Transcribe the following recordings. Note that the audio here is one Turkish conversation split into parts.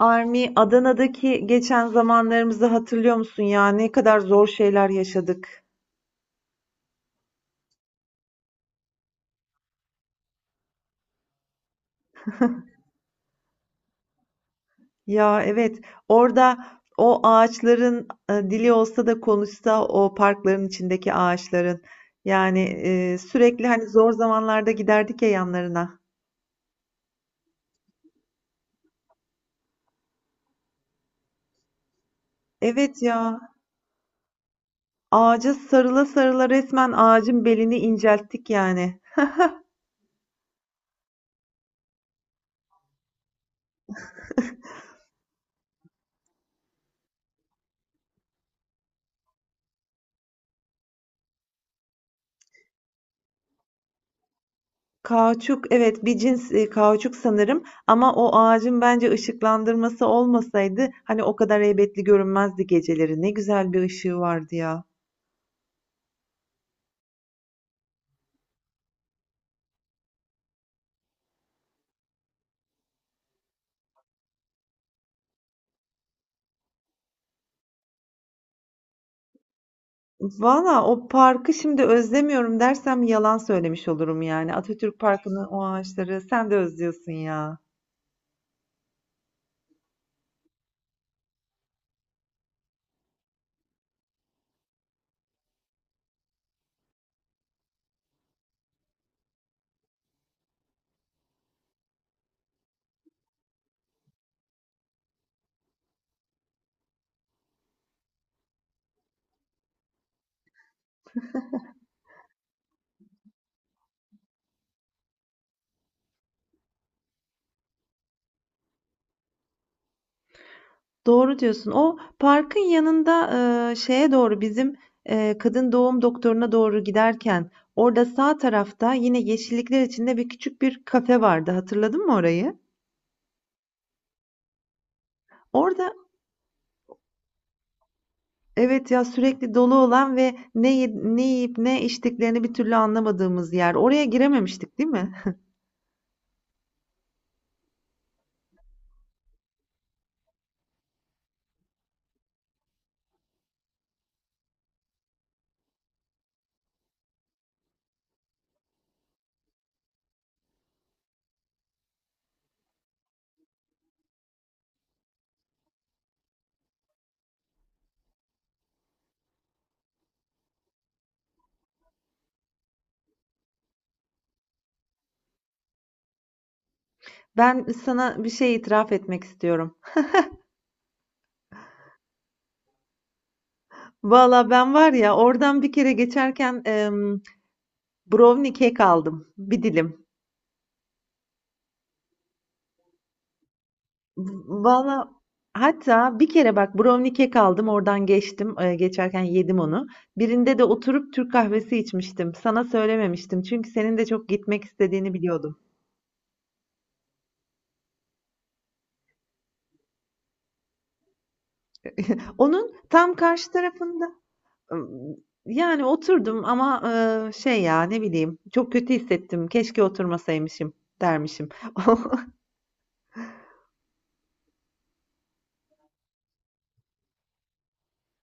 Armi, Adana'daki geçen zamanlarımızı hatırlıyor musun ya? Ne kadar zor şeyler yaşadık. Ya evet, orada o ağaçların dili olsa da konuşsa o parkların içindeki ağaçların. Yani sürekli hani zor zamanlarda giderdik ya yanlarına. Evet ya, ağaca sarıla sarıla resmen ağacın belini incelttik yani. Kauçuk, evet bir cins kauçuk sanırım ama o ağacın bence ışıklandırması olmasaydı hani o kadar heybetli görünmezdi geceleri. Ne güzel bir ışığı vardı ya. Valla o parkı şimdi özlemiyorum dersem yalan söylemiş olurum yani. Atatürk Parkı'nın o ağaçları sen de özlüyorsun ya. Doğru diyorsun. O parkın yanında, şeye doğru bizim, kadın doğum doktoruna doğru giderken orada sağ tarafta yine yeşillikler içinde bir küçük bir kafe vardı. Hatırladın mı orayı? Orada evet ya sürekli dolu olan ve ne yiyip ne içtiklerini bir türlü anlamadığımız yer. Oraya girememiştik, değil mi? Ben sana bir şey itiraf etmek istiyorum. Valla ben var ya oradan bir kere geçerken brownie kek aldım. Bir dilim. Valla hatta bir kere bak brownie kek aldım oradan geçtim. Geçerken yedim onu. Birinde de oturup Türk kahvesi içmiştim. Sana söylememiştim. Çünkü senin de çok gitmek istediğini biliyordum. Onun tam karşı tarafında Imm, yani oturdum ama, şey ya, ne bileyim, çok kötü hissettim. Keşke oturmasaymışım dermişim.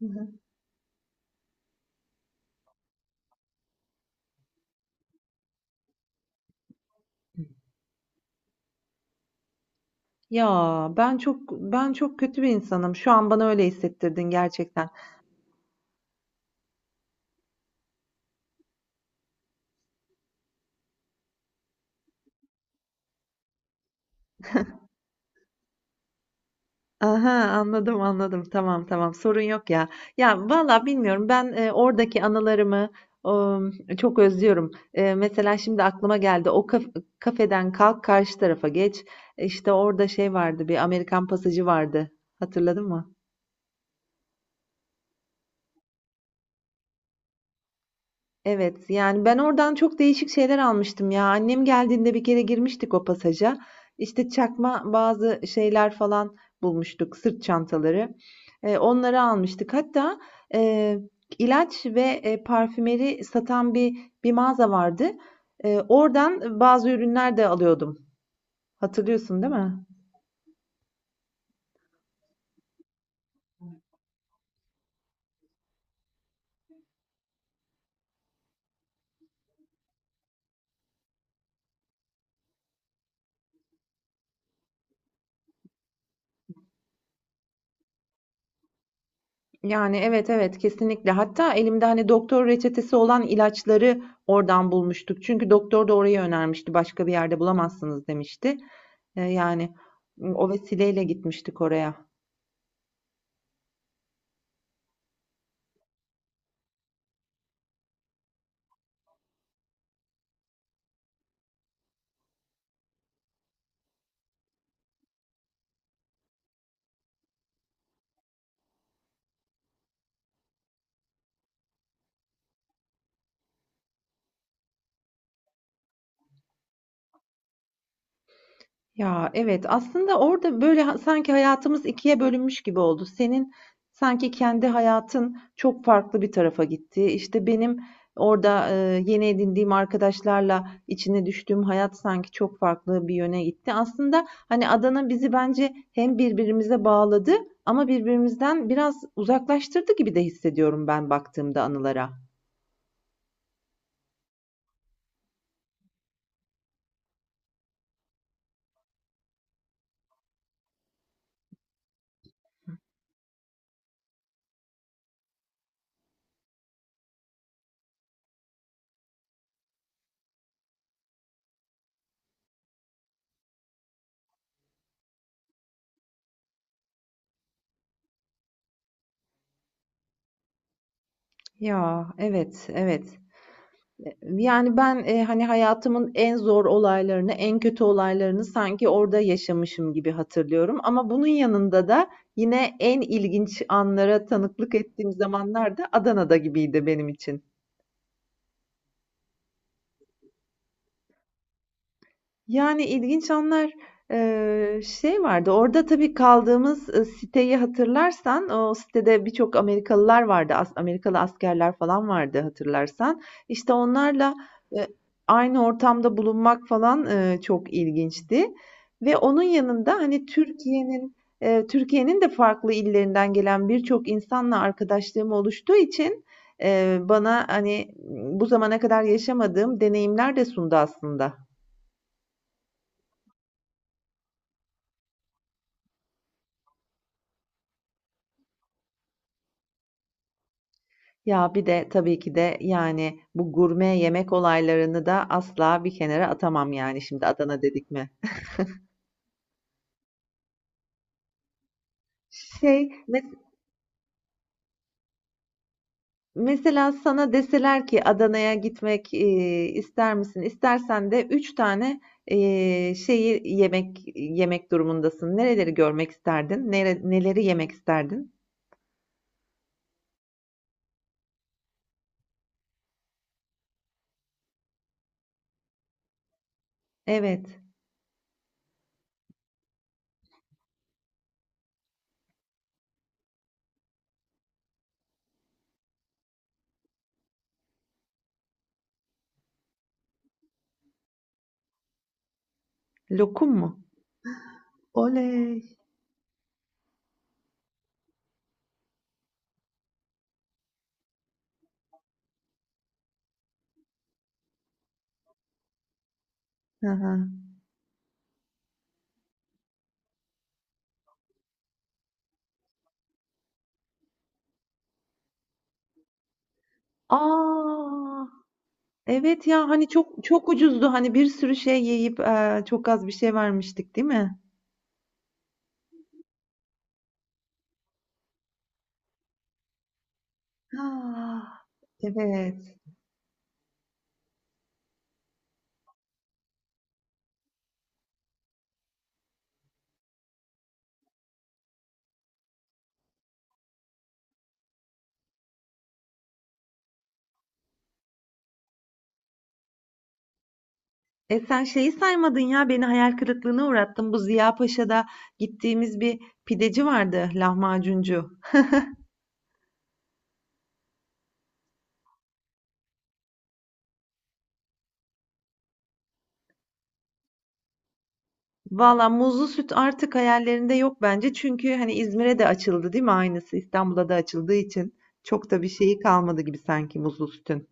Hı hı. Ya, ben çok kötü bir insanım. Şu an bana öyle hissettirdin gerçekten. Aha, anladım anladım. Tamam tamam. Sorun yok ya. Ya valla bilmiyorum. Ben oradaki anılarımı ım, çok özlüyorum. E, mesela şimdi aklıma geldi. Kafeden kalk karşı tarafa geç. İşte orada şey vardı. Bir Amerikan pasajı vardı. Hatırladın mı? Evet, yani ben oradan çok değişik şeyler almıştım ya. Annem geldiğinde bir kere girmiştik o pasaja. İşte çakma bazı şeyler falan bulmuştuk, sırt çantaları. E, onları almıştık. Hatta e, ilaç ve parfümeri satan bir mağaza vardı. E, oradan bazı ürünler de alıyordum. Hatırlıyorsun, değil mi? Yani, evet, evet, kesinlikle. Hatta elimde, hani, doktor reçetesi olan ilaçları oradan bulmuştuk. Çünkü doktor da orayı önermişti. "Başka bir yerde bulamazsınız." demişti. Yani, o vesileyle gitmiştik oraya. Ya evet aslında orada böyle sanki hayatımız ikiye bölünmüş gibi oldu. Senin sanki kendi hayatın çok farklı bir tarafa gitti. İşte benim orada yeni edindiğim arkadaşlarla içine düştüğüm hayat sanki çok farklı bir yöne gitti. Aslında hani Adana bizi bence hem birbirimize bağladı ama birbirimizden biraz uzaklaştırdı gibi de hissediyorum ben baktığımda anılara. Ya evet, evet. Yani ben, hani, hayatımın en zor olaylarını, en kötü olaylarını sanki orada yaşamışım gibi hatırlıyorum ama bunun yanında da yine en ilginç anlara tanıklık ettiğim zamanlar da Adana'da gibiydi benim için. Yani, ilginç anlar. Şey vardı, orada tabii kaldığımız, siteyi hatırlarsan, o sitede birçok Amerikalılar vardı. Amerikalı askerler falan vardı hatırlarsan. İşte, onlarla, eee, aynı ortamda bulunmak falan, çok ilginçti ve onun yanında, hani, Türkiye'nin de farklı illerinden gelen birçok insanla arkadaşlığım oluştuğu için, bana, hani, bu zamana kadar yaşamadığım deneyimler de sundu aslında. Ya, bir de tabii ki de, yani, bu gurme yemek olaylarını da asla bir kenara atamam, yani, şimdi Adana dedik mi. Şey, mes Mesela sana deseler ki Adana'ya gitmek, ister misin? İstersen de 3 tane, şeyi yemek durumundasın. Nereleri görmek isterdin? Neleri yemek isterdin? Evet. Lokum mu? Oley! Hı hı. A! Evet ya hani çok çok ucuzdu hani bir sürü şey yiyip çok az bir şey vermiştik değil mi? Ah, evet. E sen şeyi saymadın ya beni hayal kırıklığına uğrattın. Bu Ziya Paşa'da gittiğimiz bir pideci vardı, lahmacuncu. Valla muzlu süt artık hayallerinde yok bence. Çünkü hani İzmir'e de açıldı değil mi aynısı? İstanbul'a da açıldığı için çok da bir şeyi kalmadı gibi sanki muzlu sütün.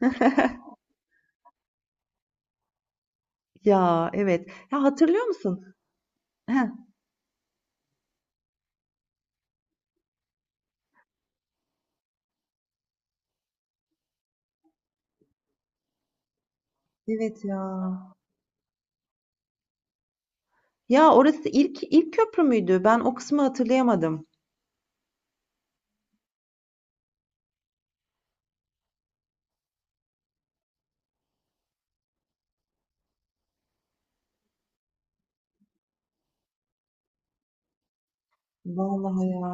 Ya evet. Ya hatırlıyor musun? Heh, evet ya. Ya orası ilk köprü müydü? Ben o kısmı hatırlayamadım. Vallahi ya.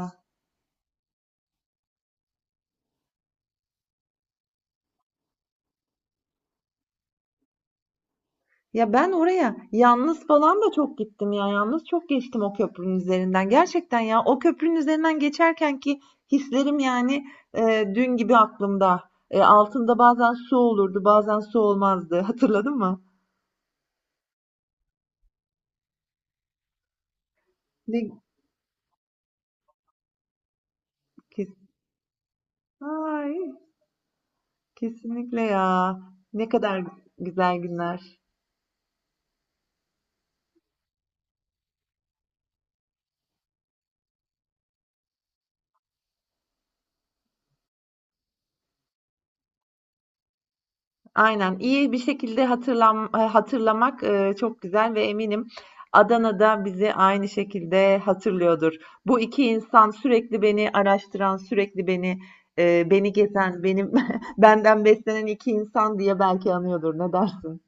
Ya ben oraya yalnız falan da çok gittim ya. Yalnız çok geçtim o köprünün üzerinden. Gerçekten ya o köprünün üzerinden geçerken ki hislerim yani dün gibi aklımda. E, altında bazen su olurdu, bazen su olmazdı. Hatırladın mı? Ne kes- Ay, kesinlikle ya. Ne kadar güzel günler. Aynen. İyi bir şekilde hatırlamak, çok güzel ve eminim Adana da bizi aynı şekilde hatırlıyordur. Bu 2 insan sürekli beni araştıran, sürekli beni beni gezen, benim benden beslenen 2 insan diye belki anıyordur. Ne dersin?